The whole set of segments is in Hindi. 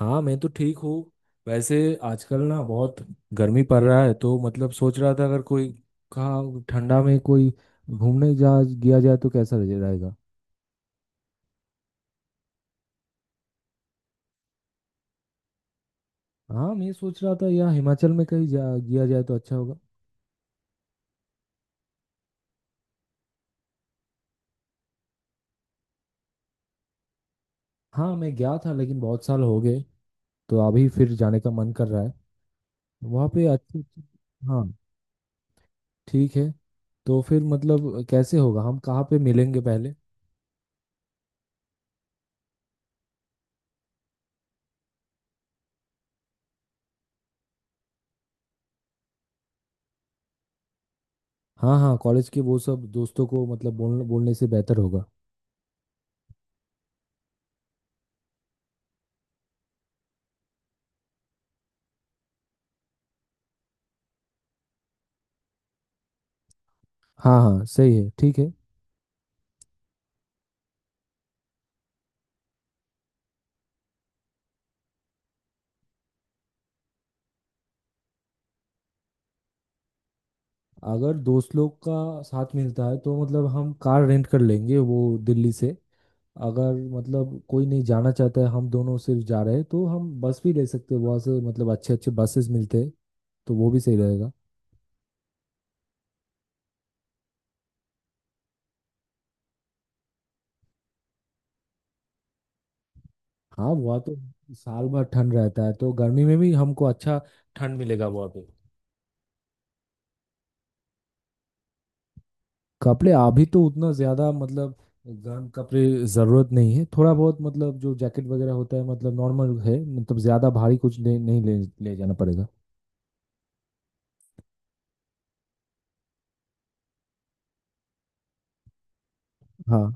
हाँ मैं तो ठीक हूँ। वैसे आजकल ना बहुत गर्मी पड़ रहा है, तो मतलब सोच रहा था अगर कोई कहाँ ठंडा में कोई घूमने जा गया जाए तो कैसा रहेगा। हाँ, मैं सोच रहा था या हिमाचल में कहीं जा गया जाए तो अच्छा होगा। हाँ, मैं गया था लेकिन बहुत साल हो गए, तो अभी फिर जाने का मन कर रहा है। वहाँ पे अच्छे अच्छे। हाँ ठीक है, तो फिर मतलब कैसे होगा, हम कहाँ पे मिलेंगे पहले। हाँ हाँ, कॉलेज के वो सब दोस्तों को मतलब बोल बोलने से बेहतर होगा। हाँ हाँ सही है, ठीक है। अगर दोस्त लोग का साथ मिलता है तो मतलब हम कार रेंट कर लेंगे वो दिल्ली से। अगर मतलब कोई नहीं जाना चाहता है, हम दोनों सिर्फ जा रहे हैं तो हम बस भी ले सकते हैं वहाँ से, मतलब अच्छे अच्छे बसेस मिलते हैं। तो वो भी सही रहेगा। हाँ, वहाँ तो साल भर ठंड रहता है, तो गर्मी में भी हमको अच्छा ठंड मिलेगा वहाँ पे। कपड़े अभी तो उतना ज़्यादा मतलब गर्म कपड़े ज़रूरत नहीं है। थोड़ा बहुत मतलब जो जैकेट वगैरह होता है मतलब नॉर्मल है, मतलब ज़्यादा भारी कुछ नहीं ले जाना पड़ेगा। हाँ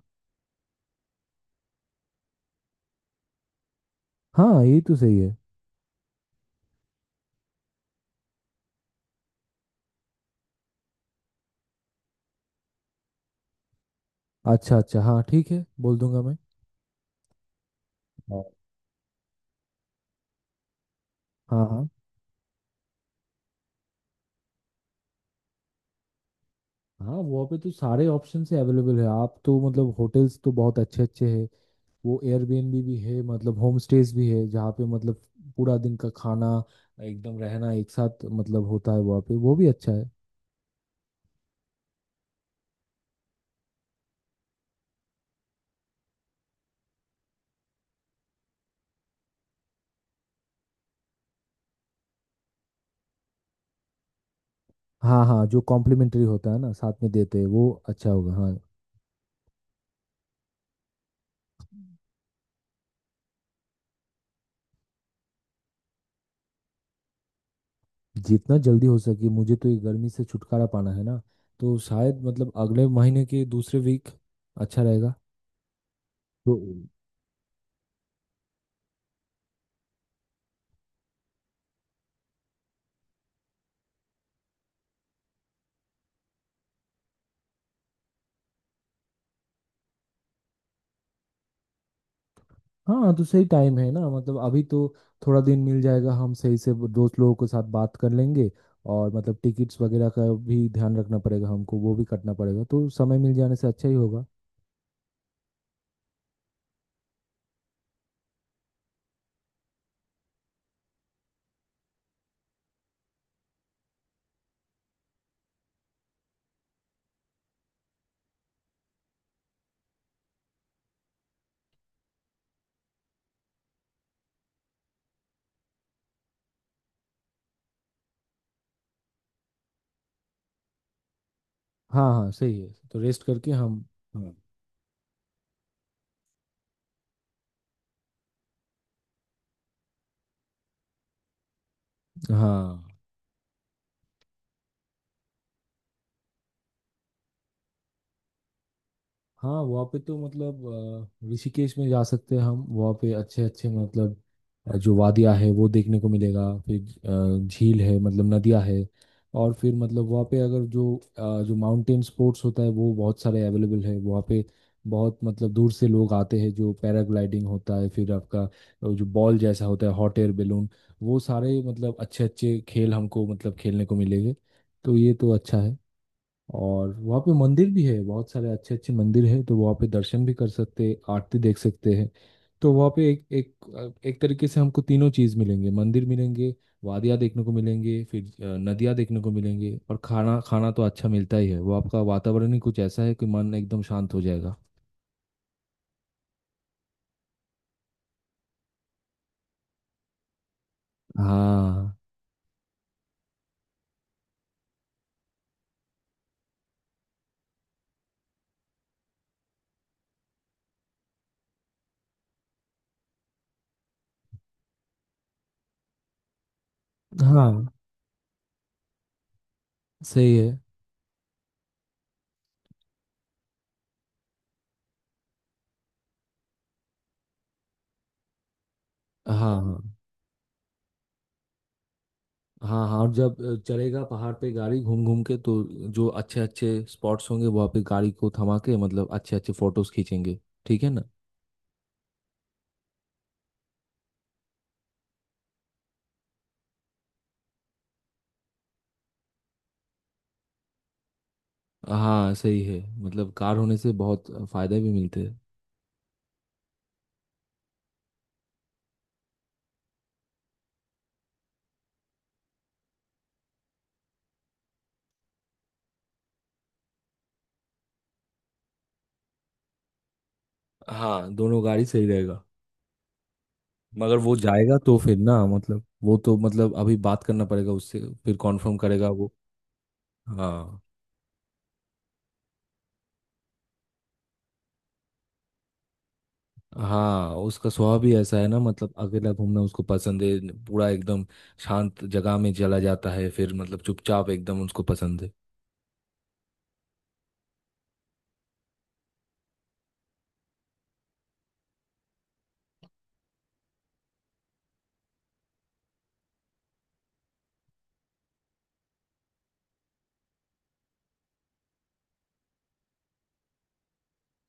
हाँ ये तो सही है। अच्छा अच्छा हाँ ठीक है, बोल दूंगा मैं। हाँ हाँ। हाँ हाँ वहाँ पे तो सारे ऑप्शन से अवेलेबल है आप, तो मतलब होटल्स तो बहुत अच्छे अच्छे हैं। वो एयरबीएनबी भी है, मतलब होम स्टेज भी है जहाँ पे मतलब पूरा दिन का खाना, एकदम रहना एक साथ मतलब होता है वहाँ पे, वो भी अच्छा है। हाँ हाँ, जो कॉम्प्लीमेंट्री होता है ना साथ में देते हैं वो अच्छा होगा, हाँ। जितना जल्दी हो सके, मुझे तो ये गर्मी से छुटकारा पाना है ना। तो शायद मतलब अगले महीने के दूसरे वीक अच्छा रहेगा। तो हाँ, तो सही टाइम है ना, मतलब अभी तो थोड़ा दिन मिल जाएगा, हम सही से वो दोस्त लोगों के साथ बात कर लेंगे। और मतलब टिकट्स वगैरह का भी ध्यान रखना पड़ेगा हमको, वो भी कटना पड़ेगा, तो समय मिल जाने से अच्छा ही होगा। हाँ हाँ सही है, तो रेस्ट करके हम। हाँ। हाँ हाँ वहाँ पे तो मतलब ऋषिकेश में जा सकते हैं हम। वहाँ पे अच्छे अच्छे मतलब जो वादियाँ है वो देखने को मिलेगा। फिर झील है, मतलब नदियाँ है। और फिर मतलब वहाँ पे अगर जो जो माउंटेन स्पोर्ट्स होता है वो बहुत सारे अवेलेबल है वहाँ पे। बहुत मतलब दूर से लोग आते हैं। जो पैराग्लाइडिंग होता है, फिर आपका जो बॉल जैसा होता है हॉट एयर बैलून, वो सारे मतलब अच्छे अच्छे खेल हमको मतलब खेलने को मिलेंगे। तो ये तो अच्छा है। और वहाँ पे मंदिर भी है, बहुत सारे अच्छे अच्छे मंदिर है, तो वहाँ पे दर्शन भी कर सकते हैं, आरती देख सकते हैं। तो वहाँ पे एक एक एक तरीके से हमको तीनों चीज़ मिलेंगे, मंदिर मिलेंगे, वादियाँ देखने को मिलेंगे, फिर नदियाँ देखने को मिलेंगे। और खाना खाना तो अच्छा मिलता ही है, वो आपका वातावरण ही कुछ ऐसा है कि मन एकदम शांत हो जाएगा। हाँ हाँ सही है। हाँ हाँ। हाँ और जब चलेगा पहाड़ पे गाड़ी घूम घूम के, तो जो अच्छे अच्छे स्पॉट्स होंगे वहाँ पे गाड़ी को थमा के मतलब अच्छे अच्छे फोटोज खींचेंगे, ठीक है ना। हाँ सही है, मतलब कार होने से बहुत फायदे भी मिलते हैं। हाँ दोनों गाड़ी सही रहेगा, मगर वो जाएगा तो फिर ना मतलब, वो तो मतलब अभी बात करना पड़ेगा उससे, फिर कॉन्फर्म करेगा वो। हाँ हाँ, उसका स्वभाव भी ऐसा है ना, मतलब अकेला घूमना उसको पसंद है। पूरा एकदम शांत जगह में चला जाता है, फिर मतलब चुपचाप एकदम उसको पसंद है।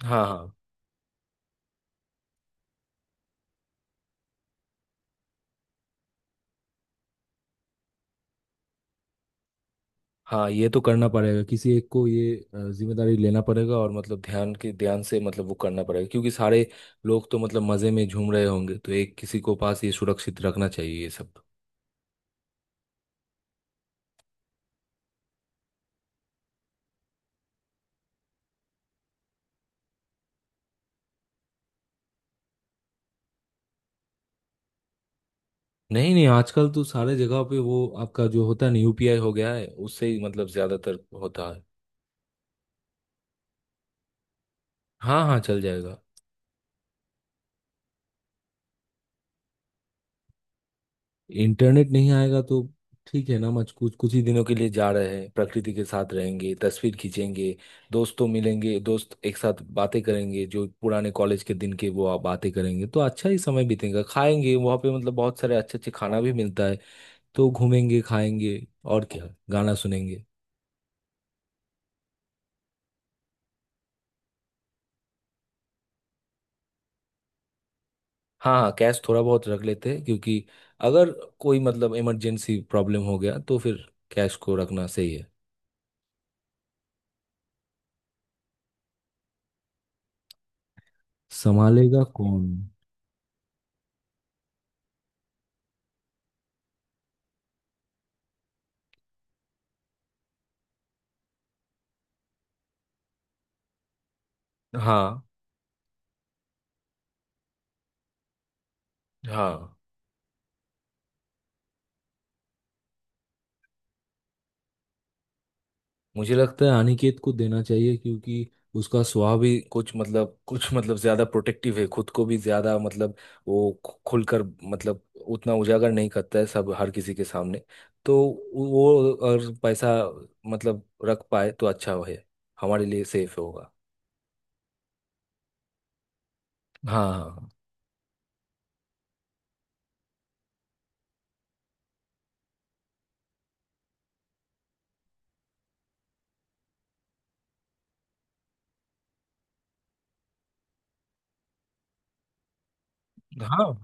हाँ हाँ। हाँ ये तो करना पड़ेगा, किसी एक को ये जिम्मेदारी लेना पड़ेगा और मतलब ध्यान के ध्यान से मतलब वो करना पड़ेगा, क्योंकि सारे लोग तो मतलब मजे में झूम रहे होंगे, तो एक किसी को पास ये सुरक्षित रखना चाहिए ये सब। नहीं नहीं, आजकल तो सारे जगह पे वो आपका जो होता है ना यूपीआई हो गया है, उससे ही मतलब ज्यादातर होता है। हाँ हाँ चल जाएगा। इंटरनेट नहीं आएगा तो ठीक है ना। मच कुछ कुछ ही दिनों के लिए जा रहे हैं, प्रकृति के साथ रहेंगे, तस्वीर खींचेंगे, दोस्तों मिलेंगे, दोस्त एक साथ बातें करेंगे, जो पुराने कॉलेज के दिन के वो आप बातें करेंगे तो अच्छा ही समय बीतेगा, खाएंगे वहाँ पे मतलब बहुत सारे अच्छे अच्छे खाना भी मिलता है। तो घूमेंगे, खाएंगे, और क्या गाना सुनेंगे। हाँ हाँ, कैश थोड़ा बहुत रख लेते हैं, क्योंकि अगर कोई मतलब इमरजेंसी प्रॉब्लम हो गया तो फिर कैश को रखना सही है। संभालेगा कौन। हाँ हाँ, मुझे लगता है अनिकेत को देना चाहिए, क्योंकि उसका स्वभाव भी कुछ मतलब ज्यादा प्रोटेक्टिव है, खुद को भी ज्यादा मतलब वो खुलकर मतलब उतना उजागर नहीं करता है सब हर किसी के सामने। तो वो और पैसा मतलब रख पाए तो अच्छा है, हमारे लिए सेफ होगा। हाँ हाँ। हाँ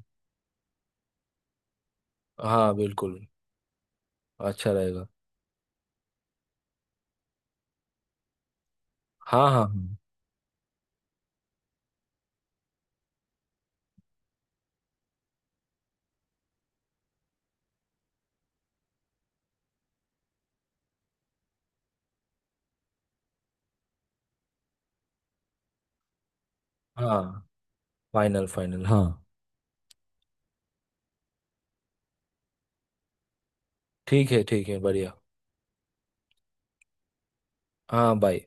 हाँ बिल्कुल, अच्छा रहेगा। हाँ हाँ। हाँ फाइनल फाइनल हाँ। ठीक है बढ़िया। हाँ बाय।